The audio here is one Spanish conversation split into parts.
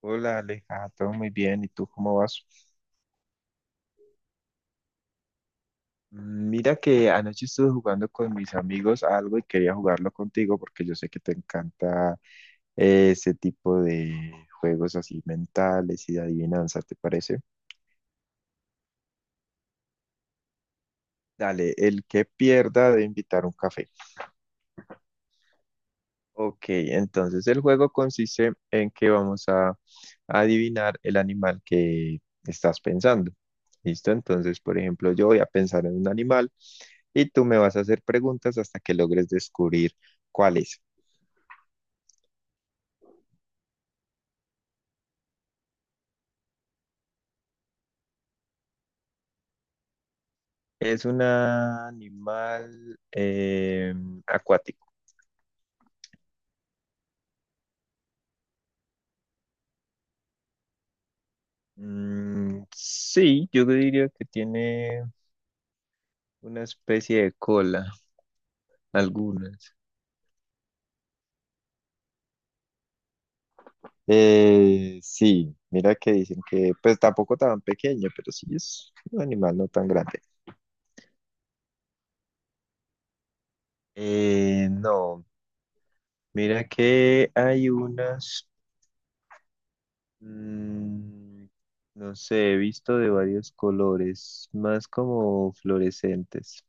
Hola Aleja, todo muy bien. ¿Y tú cómo vas? Mira que anoche estuve jugando con mis amigos algo y quería jugarlo contigo porque yo sé que te encanta ese tipo de juegos así mentales y de adivinanza, ¿te parece? Dale, el que pierda de invitar un café. Ok, entonces el juego consiste en que vamos a adivinar el animal que estás pensando. ¿Listo? Entonces, por ejemplo, yo voy a pensar en un animal y tú me vas a hacer preguntas hasta que logres descubrir cuál es. Es un animal acuático. Mm, sí, yo diría que tiene una especie de cola, algunas. Sí, mira que dicen que pues tampoco tan pequeño, pero sí es un animal no tan grande. No, mira que hay unas, mm, no sé, he visto de varios colores, más como fluorescentes.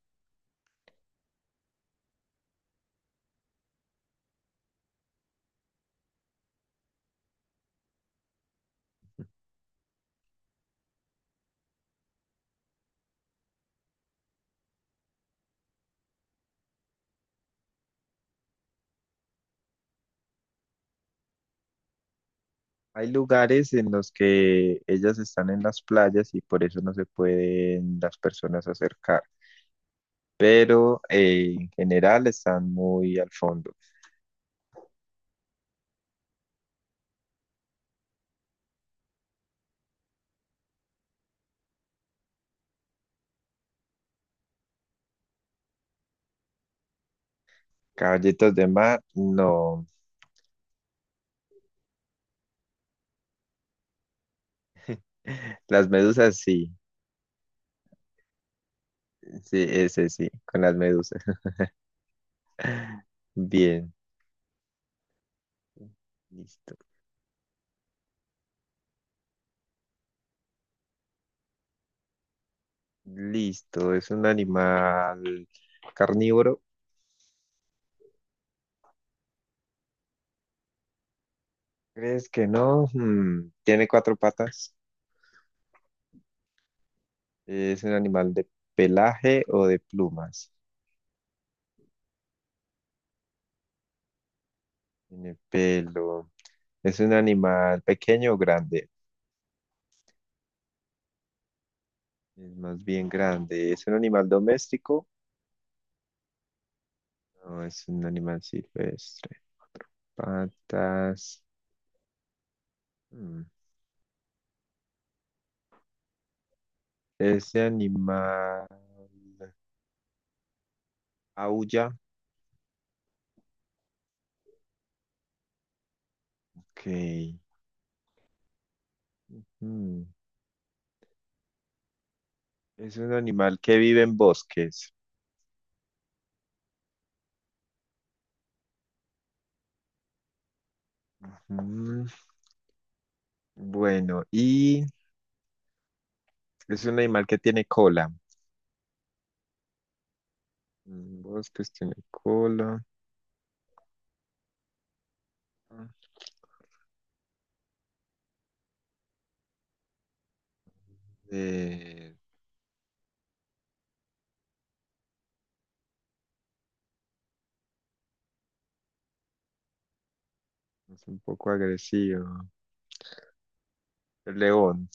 Hay lugares en los que ellas están en las playas y por eso no se pueden las personas acercar, pero en general están muy al fondo. Caballitos de mar, no. Las medusas, sí. Sí, ese sí, con las medusas. Bien, listo. Listo, es un animal carnívoro. ¿Crees que no? Tiene cuatro patas. Es un animal de pelaje o de plumas. Tiene pelo. ¿Es un animal pequeño o grande? Es más bien grande. ¿Es un animal doméstico? No, es un animal silvestre. Patas. Hmm, Ese animal. Aulla, ok. Mm, Es un animal que vive en bosques. Mm, Bueno, y es un animal que tiene cola. Bosques tiene cola. Eh, es un poco agresivo. El león.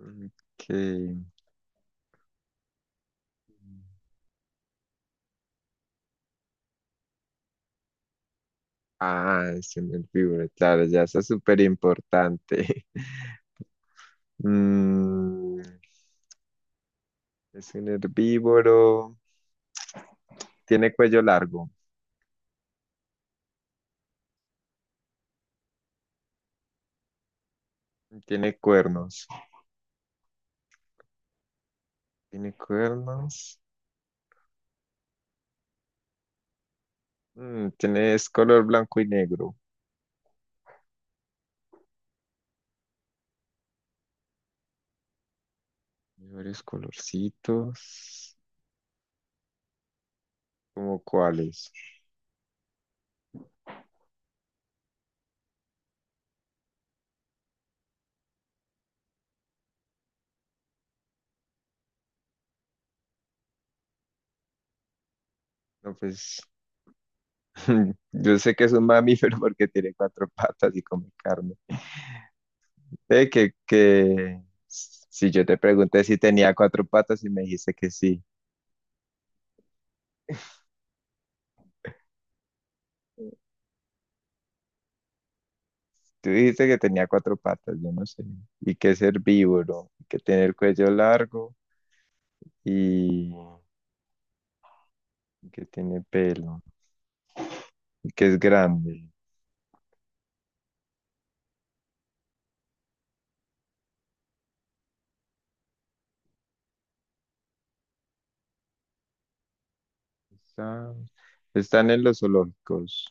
Mm, ok. Ah, es un herbívoro, claro, ya eso es súper importante. Mm, es un herbívoro. Tiene cuello largo. Tiene cuernos. Tiene cuernos. Tiene, es color blanco y negro. Tiene varios colorcitos. ¿Cómo cuáles? No, pues yo sé que es un mamífero porque tiene cuatro patas y come carne. Sé que si yo te pregunté si tenía cuatro patas y me dijiste que sí. Tú dijiste que tenía cuatro patas, yo no sé. Y que es herbívoro, que tiene el cuello largo y y que tiene pelo, y que es grande. Está- Están en los zoológicos.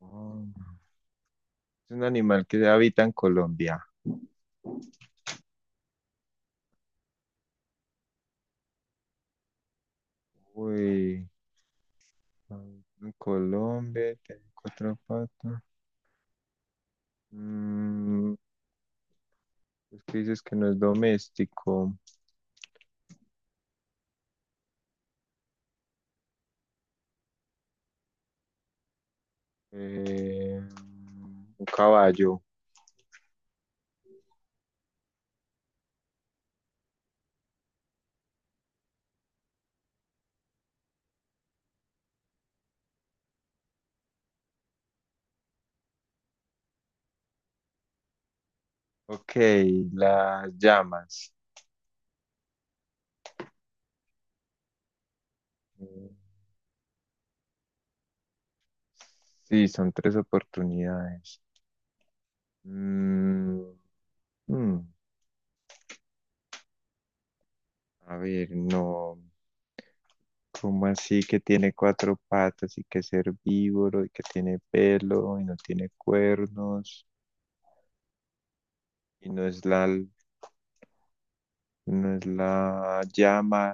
Oh, es un animal que habita en Colombia. Uy, habita en Colombia, tiene cuatro patas. Mm, es que dices que no es doméstico. Eh, un caballo. Ok, las llamas. Eh, Sí, son tres oportunidades. Mm, mm, a ver, no. ¿Cómo así que tiene cuatro patas y que es herbívoro y que tiene pelo y no tiene cuernos y no es la llama,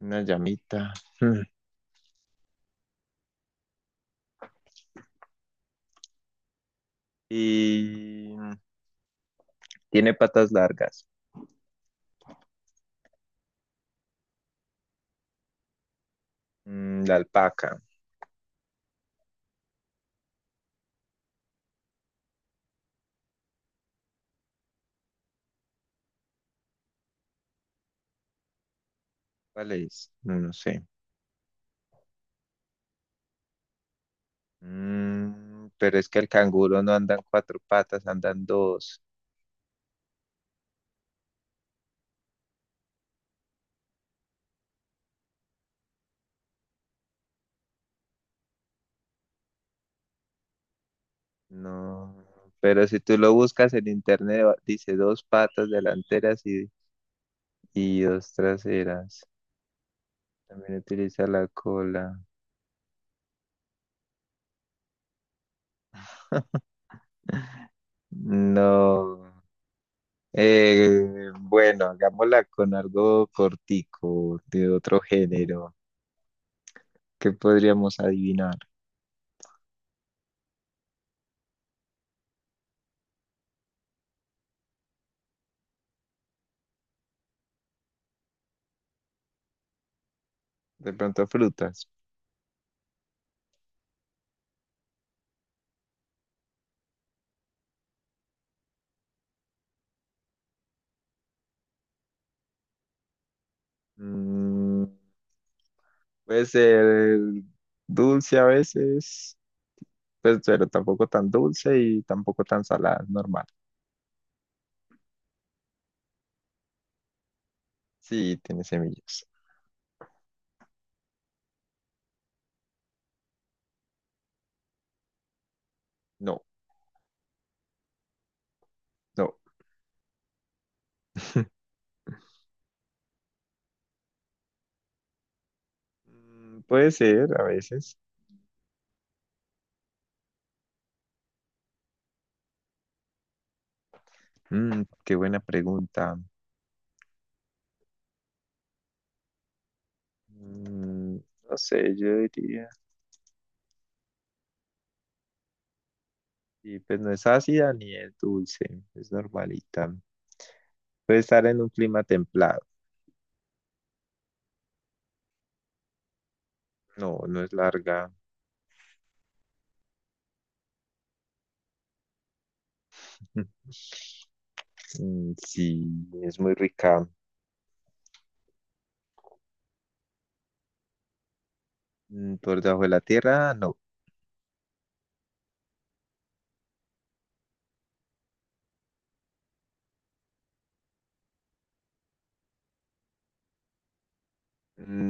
una llamita? Hmm. Y tiene patas largas. La alpaca, ¿cuál es? No, no sé. Pero es que el canguro no andan cuatro patas, andan dos. No, pero si tú lo buscas en internet, dice dos patas delanteras y dos traseras. También utiliza la cola. No. Bueno, hagámosla con algo cortico, de otro género. ¿Qué podríamos adivinar? De pronto frutas. Mm, puede ser dulce a veces, pues, pero tampoco tan dulce y tampoco tan salada, normal. Sí, tiene semillas. No, no. Puede ser a veces. Qué buena pregunta. Mm, no sé, yo diría. Y pues no es ácida ni es dulce, es normalita. Puede estar en un clima templado. No, no es larga. Mm, sí, es muy rica. Por debajo de la tierra, no.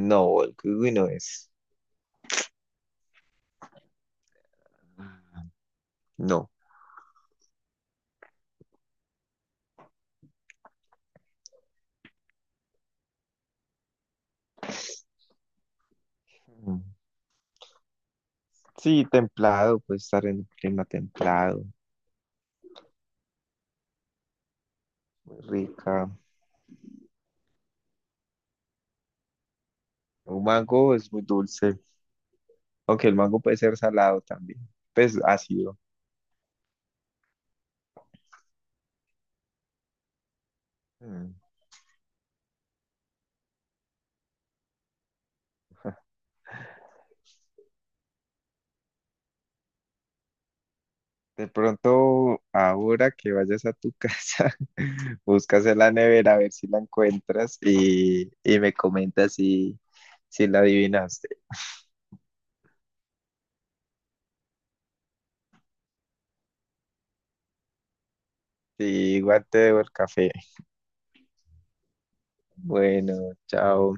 No, el kiwi no es. Ah, no. Mm, sí, templado, puede estar en un clima templado, muy rica. Un mango es muy dulce, aunque el mango puede ser salado también, pues ácido. Mm, De pronto, ahora que vayas a tu casa, buscas en la nevera a ver si la encuentras y me comentas si la adivinaste. Y igual te debo el café. Bueno, chao.